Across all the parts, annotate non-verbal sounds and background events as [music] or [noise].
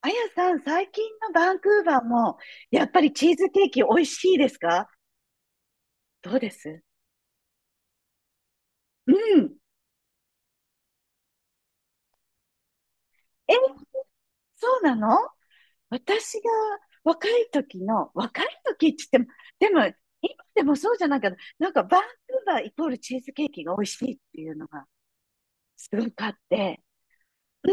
あやさん、最近のバンクーバーも、やっぱりチーズケーキ美味しいですか？どうです？うん。え、そうなの？私が若い時って言っても、でも、今でもそうじゃないけど、なんかバンクーバーイコールチーズケーキが美味しいっていうのがすごくあって、うん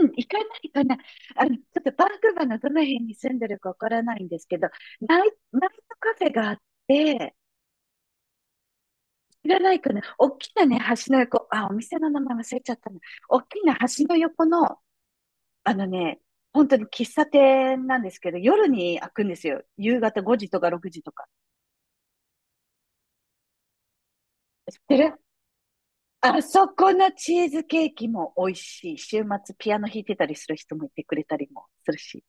うん、行かない行かない。ちょっとバンクーバーのどの辺に住んでるかわからないんですけど、ナイトカフェがあって、知らないかな。大きなね、橋の横、あ、お店の名前忘れちゃったな。大きな橋の横の、あのね、本当に喫茶店なんですけど、夜に開くんですよ。夕方5時とか6時とか。知ってる？あそこのチーズケーキも美味しい。週末ピアノ弾いてたりする人もいてくれたりもするし。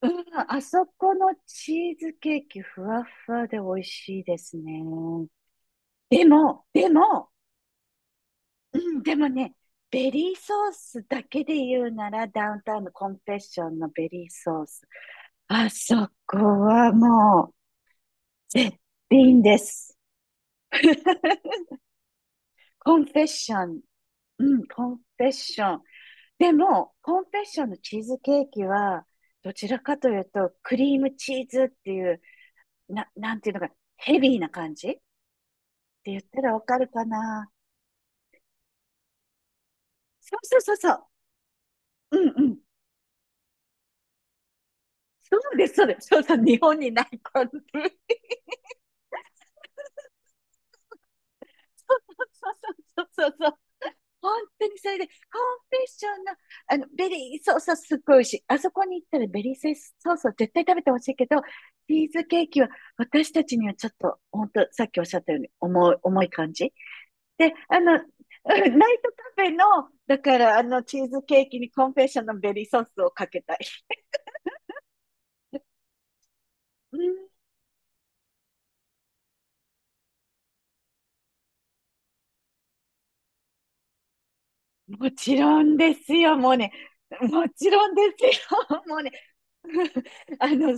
うん、あそこのチーズケーキふわふわで美味しいですね。でも、うん、でもね、ベリーソースだけで言うなら、ダウンタウンのコンフェッションのベリーソース。あそこはもう絶品です。コンフェッション。うん、コンフェッション。でも、コンフェッションのチーズケーキは、どちらかというと、クリームチーズっていう、なんていうのか、ヘビーな感じって言ったらわかるかな。そうそうそうそう。うんうん。そうです、そうです。そうそう、日本にない感じ。[laughs] そうそうそうそうそう。本当にそれで、コンフェッションの、ベリーソースはすっごい美味しい。あそこに行ったらベリーソースを絶対食べてほしいけど、チーズケーキは私たちにはちょっと、本当さっきおっしゃったように重い、重い感じ。で、[laughs] ナイトカフェの、だからあのチーズケーキにコンフェッションのベリーソースをかけたい。うん、もちろんですよ、もうね。もちろんですよ。もうね。 [laughs] あの、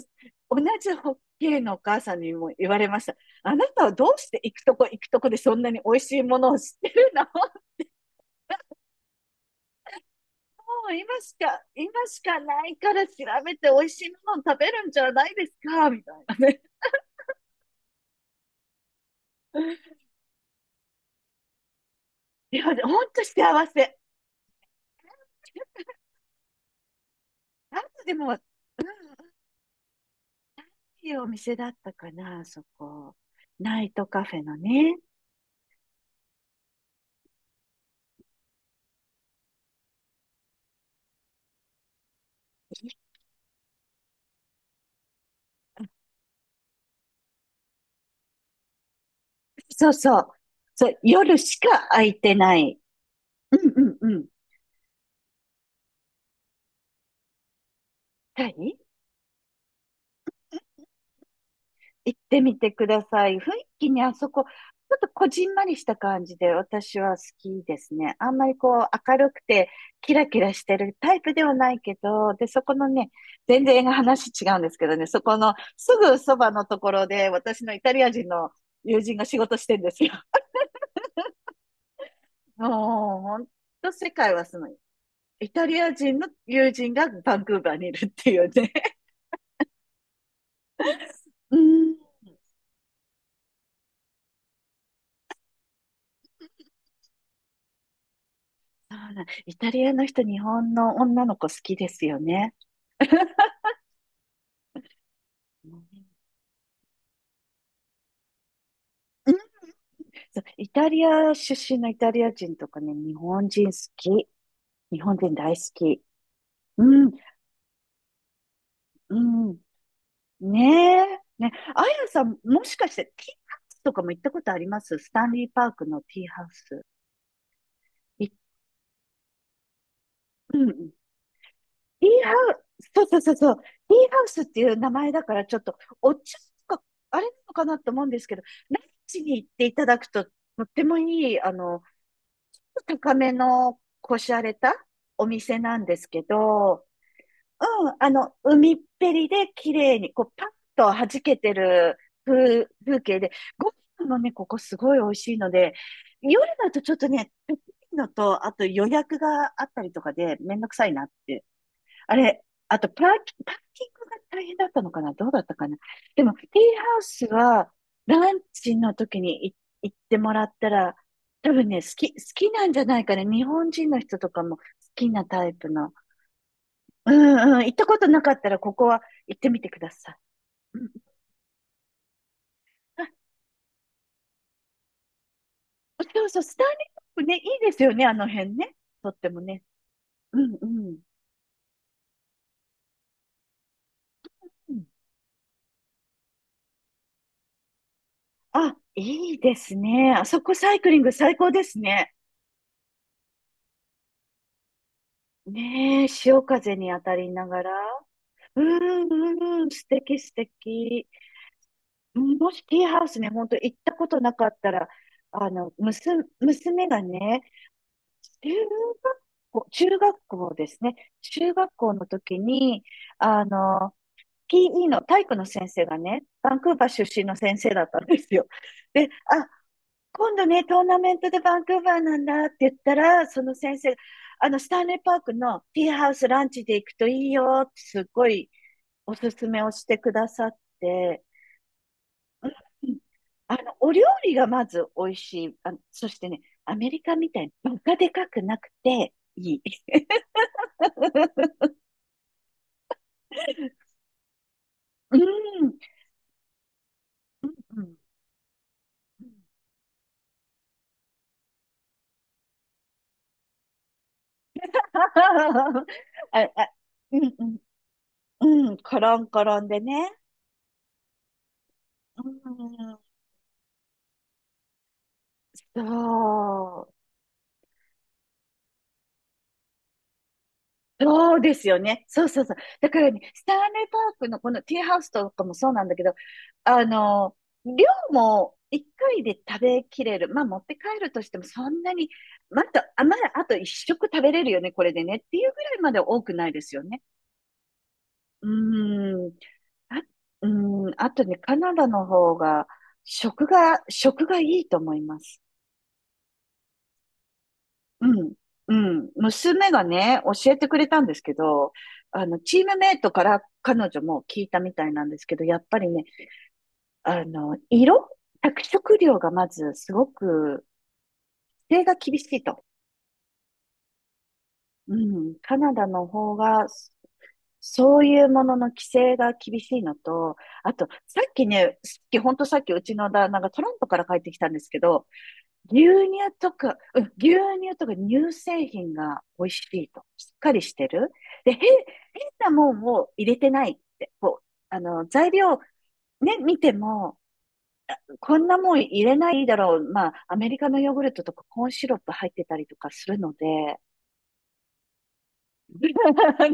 同じホッケーのお母さんにも言われました。あなたはどうして行くとこ行くとこでそんなに美味しいものを知ってるの？もう今しか、今しかないから調べて美味しいものを食べるんじゃないですかみたいなね。[laughs] いや、ほんと幸せ。あとでも、いいお店だったかな、そこ。ナイトカフェのね。そうそう。そう、夜しか空いてない。うんうんうん。はい、行ってみてください。雰囲気にあそこ、ちょっとこじんまりした感じで私は好きですね。あんまりこう明るくてキラキラしてるタイプではないけど、で、そこのね、全然映画話違うんですけどね、そこのすぐそばのところで私のイタリア人の友人が仕事してんですよ。もう、ほんと世界はすごい。イタリア人の友人がバンクーバーにいるっていうね。うん。そうなん、イタリアの人、日本の女の子好きですよね。うん、そう、イタリア出身のイタリア人とかね、日本人好き。日本人大好き。うん、うん。ねえ。ね、あやさん、もしかして、ティーハウスとかも行ったことあります？スタンリーパークのティーハウス。い、うん。ティーハウス、そうそうそうそう。ティーハウスっていう名前だから、ちょっと、お茶とか、あれなのかなと思うんですけど、ランチに行っていただくと、とってもいい、高めの、こしゃれたお店なんですけど、うん、海っぺりで綺麗に、こう、パッと弾けてる風、風景で、ご飯もね、ここすごい美味しいので、夜だとちょっとね、ペッいのと、あと予約があったりとかでめんどくさいなって。あれ、あとパーキ、パーキングが大変だったのかな、どうだったかな。でも、ティーハウスは、ランチの時に行ってもらったら、多分ね、好き、好きなんじゃないかね。日本人の人とかも好きなタイプの、うんうん、行ったことなかったらここは行ってみてください。うん。あ、そうそう、スターリングね、いいですよね、あの辺ね。とってもね。うんうん。うん。あ、いいですね。あそこサイクリング最高ですね。ねえ、潮風に当たりながら。うんうんうん、素敵素敵。うん、もしティーハウスね、ほんと行ったことなかったら、あの、娘娘がね、中学校、中学校ですね。中学校の時に、あの、PE の体育の先生がね、バンクーバー出身の先生だったんですよ。で、あ、今度ね、トーナメントでバンクーバーなんだって言ったら、その先生が、スタンレーパークのティーハウスランチで行くといいよってすっごいおすすめをしてくださって、うん。お料理がまず美味しい。そしてね、アメリカみたいにバカでかくなくていい。[laughs] うん。うんうん、あ、あ、うんうん。うん。コロンコロンでね。うん。そう。そうですよね。そうそうそう。だからね、スターネパークのこのティーハウスとかもそうなんだけど、あの、量も一回で食べきれる。まあ持って帰るとしてもそんなに、また、あ、まだあと一食食べれるよね、これでね。っていうぐらいまで多くないですよね。うん。あ、うん、あとね、カナダの方が、食がいいと思います。うん、うん。娘がね、教えてくれたんですけど、チームメイトから彼女も聞いたみたいなんですけど、やっぱりね、あの、色着色料がまずすごく、規制が厳しいと。うん、カナダの方が、そういうものの規制が厳しいのと、あと、さっきね、さっき、ほんとさっきうちの旦那がトロントから帰ってきたんですけど、牛乳とか、うん、牛乳とか乳製品が美味しいと。しっかりしてる。で、変なもんを入れてないって。こう、材料ね、見ても、こんなもん入れないだろう。まあ、アメリカのヨーグルトとかコーンシロップ入ってたりとかするので、[laughs]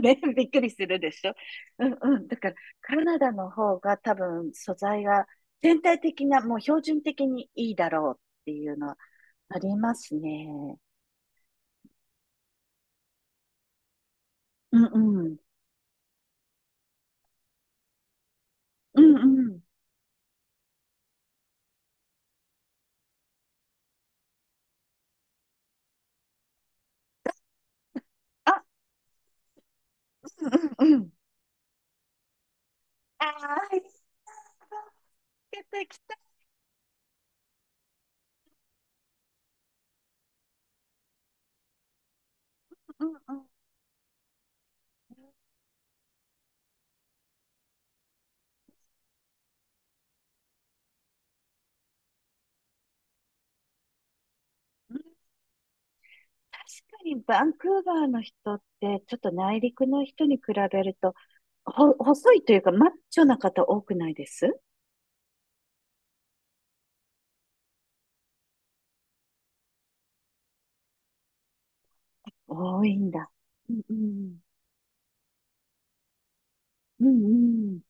ね、びっくりするでしょ。うんうん。だから、カナダの方が多分素材が全体的な、もう標準的にいいだろうっていうのはありますね。うんうん。うんうん。あ、うんうんうん。ああ、来た来た。うんうん。うん、確かにバンクーバーの人って、ちょっと内陸の人に比べると、細いというか、マッチョな方多くないです？多いんだ。うんうん。うんうん。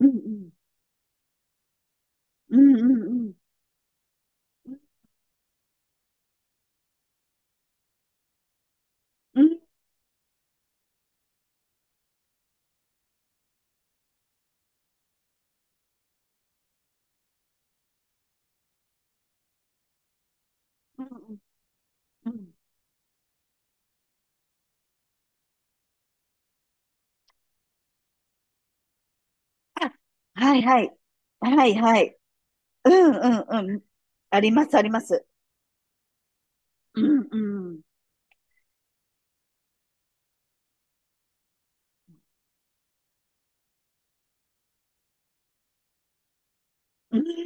うんうん。うんうんうん。うんうんうんうん。あ、はいはい。はいはい。うんうんうん。ありますあります。うんうん。うん